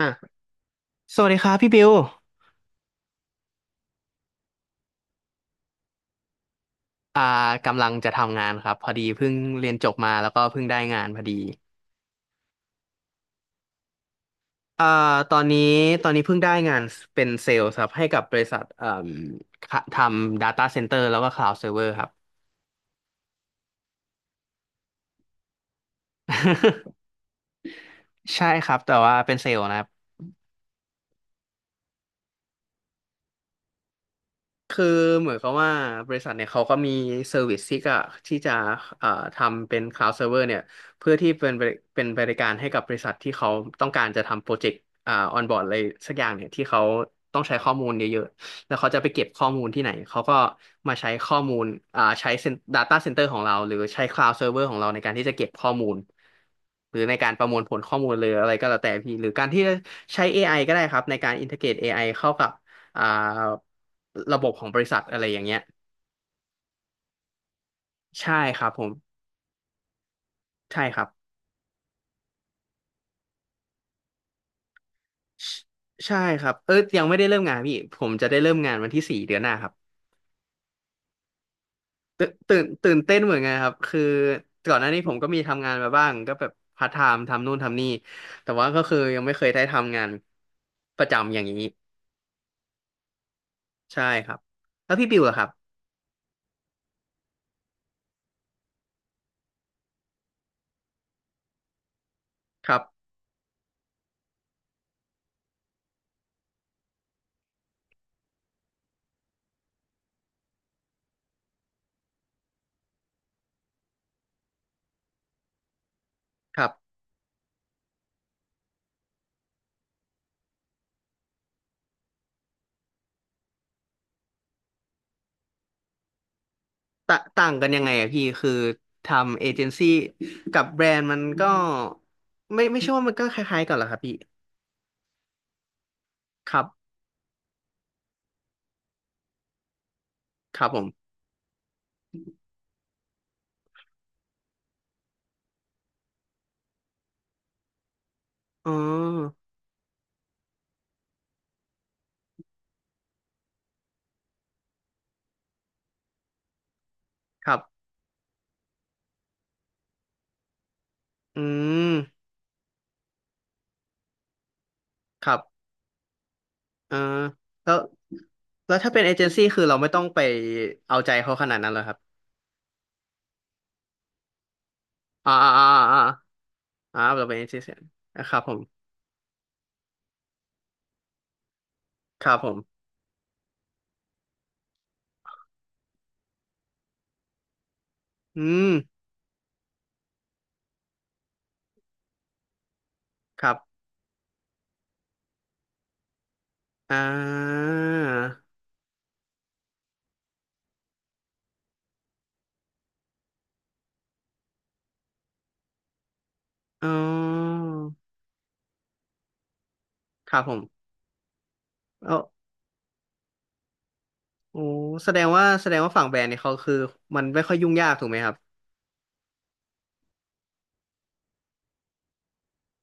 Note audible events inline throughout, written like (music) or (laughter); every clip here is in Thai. อ่ะสวัสดีครับพี่บิวอ่ากำลังจะทำงานครับพอดีเพิ่งเรียนจบมาแล้วก็เพิ่งได้งานพอดีอ่าตอนนี้ตอนนี้เพิ่งได้งานเป็นเซลล์ครับให้กับบริษัทเอ่มค่ะทำ Data Center แล้วก็ Cloud Server ครับ (laughs) ใช่ครับแต่ว่าเป็นเซลล์นะ คือเหมือนกับว่าบริษัทเนี่ยเขาก็มีเซอร์วิสที่ก็ที่จะเอ่อทำเป็น cloud server เนี่ยเพื่อที่เป็นเป็นบริการให้กับบริษัทที่เขาต้องการจะทำโปรเจกต์ออนบอร์ดอะไรสักอย่างเนี่ยที่เขาต้องใช้ข้อมูลเยอะๆแล้วเขาจะไปเก็บข้อมูลที่ไหนเขาก็มาใช้ข้อมูลใช้ data center ของเราหรือใช้ cloud server ของเราในการที่จะเก็บข้อมูลหรือในการประมวลผลข้อมูลเลยออะไรก็แล้วแต่พี่หรือการที่จะใช้ อไอก็ได้ครับในการ integrate อไอเข้ากับ อ่าระบบของบริษัทอะไรอย่างเงี้ยใช่ครับผมใช่ครับใช่ครับเออยังไม่ได้เริ่มงานพี่ผมจะได้เริ่มงานวันที่ 4เดือนหน้าครับตื่นเต้นเหมือนกันครับคือก่อนหน้านี้ผมก็มีทำงานมาบ้างก็แบบพาร์ทไทม์ทำนู่นทำนี่แต่ว่าก็คือยังไม่เคยได้ทำงานประจำอย่างนี้ใช่ครับแล้วพี่บิวล่ะครับครับครับต่างกันยังไงอะพี่คือทำเอเจนซี่กับแบรนด์มันก็ไม่ใช่ว่ามันก็คล้ายๆกันเหรอครับพี่ ครับครับผมอ๋อครับอืมครับเออแล้วแล้วถ้าเป็นเอเจนซี่คือเราไม่ต้องไปเอาใจเขาขนาดนั้นเลยครับอ่าอ่าอ่าเราเป็นเอเจนซี่นะครับผมครับผมอืมครับอ่าอ๋อครับผมเออโอ้แสดงว่าฝั่งแบรนด์เนี่ยเขาคือมันไม่ค่อยยุ่งยากถูกไหมครับ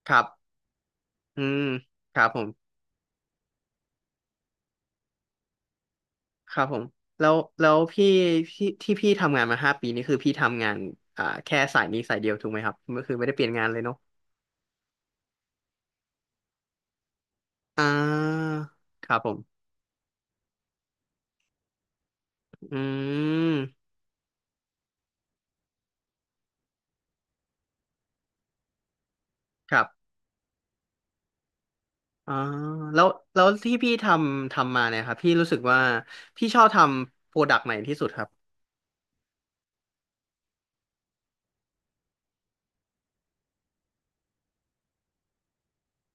ครับอืมครับผม ครับผมแล้วแล้วที่พี่ทำงานมา5 ปีนี่คือพี่ทำงานแค่สายนี้สายเดียวถูกไหมครับก็คือไม่ได้เปลี่ยนงานเลยเนาะอ่าครับผมอืมครับอ่าแล้วที่พี่ทำมาเนี่ยครับพี่รู้สึกว่าพี่ชอบทำโปรดักต์ไหนที่สุดครับ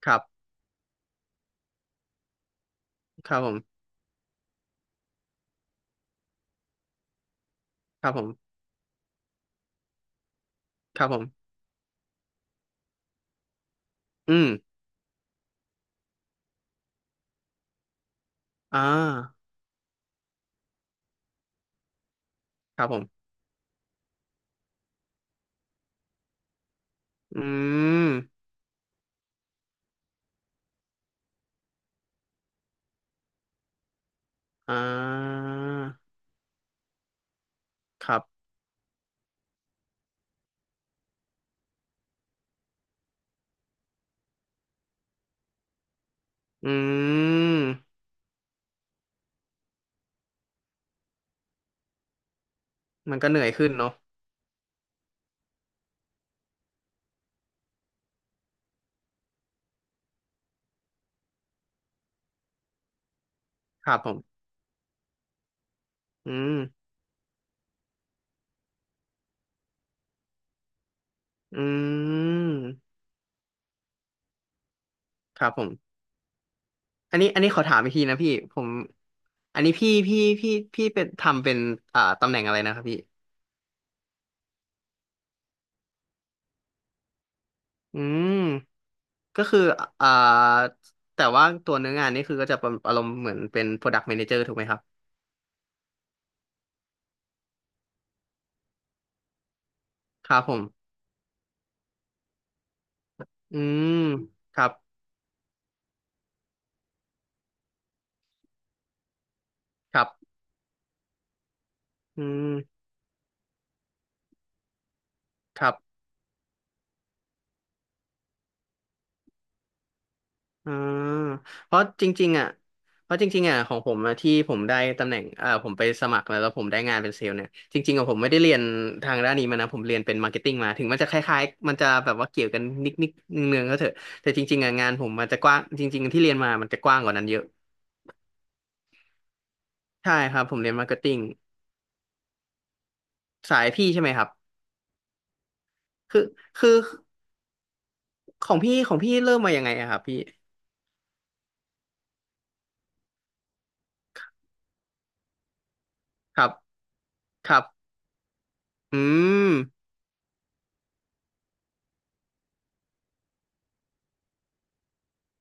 ครับครับผมครับผมครับผมอืมอ่าครับผมอืมอ่าครับอืมมันก็เหนื่อยขึ้นเนาะครับผมอืม อืมครับผมอันนี้ขอถามอีกทีนะพี่ผมอันนี้พี่เป็นตำแหน่งอะไรนะครับพี่อืมก็คืออ่าแต่ว่าตัวเนื้องานนี่คือก็จะเป็นอารมณ์เหมือนเป็น Product Manager ถูกไหมครับครับผมอืมครับครับอืมครับ อ่าเพราะจริงๆอ่ะเพราะจริงๆอ่ะของผมอะที่ผมได้ตำแหน่งผมไปสมัครแล้วผมได้งานเป็นเซลล์เนี่ยจริงๆอะผมไม่ได้เรียนทางด้านนี้มานะผมเรียนเป็นมาร์เก็ตติ้งมาถึงมันจะคล้ายๆมันจะแบบว่าเกี่ยวกันนิดๆเนืองๆก็เถอะแต่จริงๆอ่ะงานผมมันจะกว้างจริงๆที่เรียนมามันจะกว้างกว่านั้นเยอะใช่ครับผมเรียนมาร์เก็ตติ้งสายพี่ใช่ไหมครับคือคือของพี่เริ่มมายังไงอะครับพี่ครับครับอืม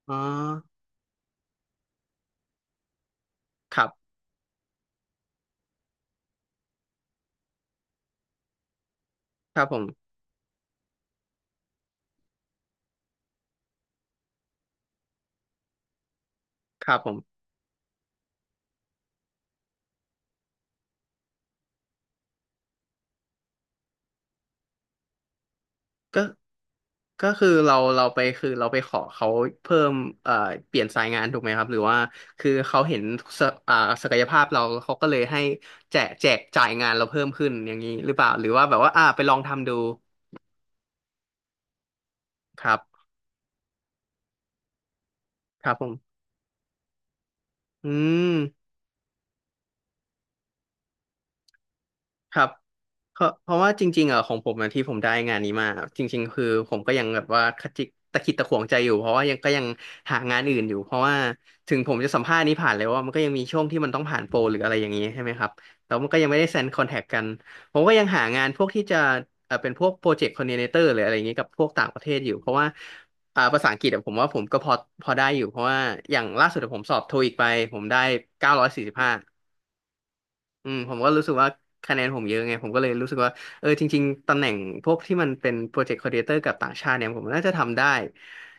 อ๋อครับครับผมครับผมก็ ก็คือเราเราไปคือเราไปขอเขาเพิ่มเอ่อเปลี่ยนสายงานถูกไหมครับหรือว่าคือเขาเห็นศอ่าศักยภาพเราเขาก็เลยให้แจกจ่ายงานเราเพิ่มขึ้นอย่างนี้หรือเปล่าหรือว่าแบบว่าอ่าไปลองทำดูครับครับผมอืม ครับเพราะว่าจริงๆอ่ะของผมอะที่ผมได้งานนี้มาจริงๆคือผมก็ยังแบบว่าขจิกตะขิดตะขวงใจอยู่เพราะว่ายังก็ยังหางานอื่นอยู่เพราะว่าถึงผมจะสัมภาษณ์นี้ผ่านแล้วว่ามันก็ยังมีช่วงที่มันต้องผ่านโปรหรืออะไรอย่างนี้ใช่ไหมครับแล้วมันก็ยังไม่ได้เซ็นคอนแทคกันผมก็ยังหางานพวกที่จะเป็นพวกโปรเจกต์คอ r d ดิเนเตอร์หรืออะไรอย่างนี้กับพวกต่างประเทศอยู่เพราะว่าภาษาอังกฤษอะผมว่าผมก็พอได้อยู่เพราะว่าอย่างล่าสุดอะผมสอบโทอีกไปผมได้945 อืมผมก็รู้สึกว่าคะแนนผมเยอะไงผมก็เลยรู้สึกว่าเออจริงๆตำแหน่งพวกที่มันเป็นโปรเจกต์คอ r d ดิเ t เตอร์กับต่างชาติเนี่ยผมน่าจะทำได้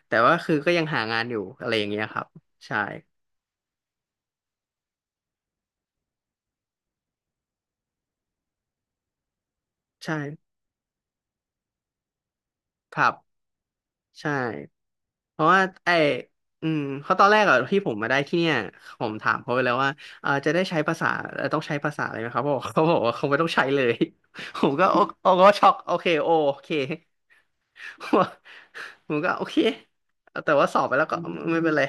แต่ว่าคือก็ยังหางานอยู่อะไรอย่างเงี้ยครับใช่ใช่ครับ ใช่ เพราะว่าไออืมเพราะตอนแรกอะที่ผมมาได้ที่เนี่ยผมถามเขาไปแล้วว่าเออจะได้ใช้ภาษาต้องใช้ภาษาอะไรไหมครับเขาบอกว่าเขาไม่ต้องใช้เลย (laughs) ผมก็โอโอ้ก็ช็อกโอเคโอโอเค (laughs) ผมก็โอเคแต่ว่าสอบไปแล้วก็ไม่เป็นไร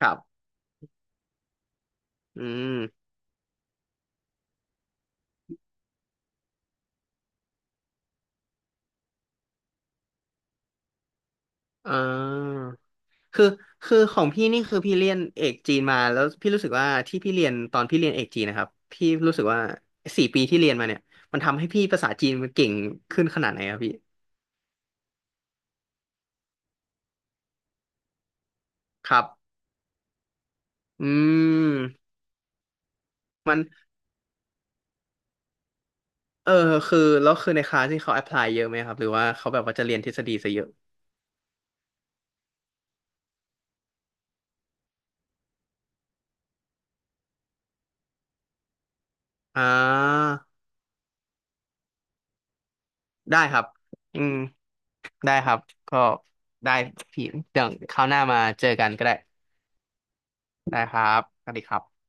ครับอืมอ่า คือคือของพี่นี่คือพี่เรียนเอกจีนมาแล้วพี่รู้สึกว่าที่พี่เรียนตอนพี่เรียนเอกจีนนะครับพี่รู้สึกว่า4 ปีที่เรียนมาเนี่ยมันทำให้พี่ภาษาจีนมันเก่งขึ้นขนาดไหนครับพี่ครับอืมมันเออคือแล้วคือในคลาสที่เขาแอพพลายเยอะไหมครับหรือว่าเขาแบบว่าจะเรียนทฤษฎีซะเยอะอ่าได้ครับอืมได้ครับก็ได้พี่เดี๋ยวคราวหน้ามาเจอกันก็ได้ได้ครับสวัสดีครับ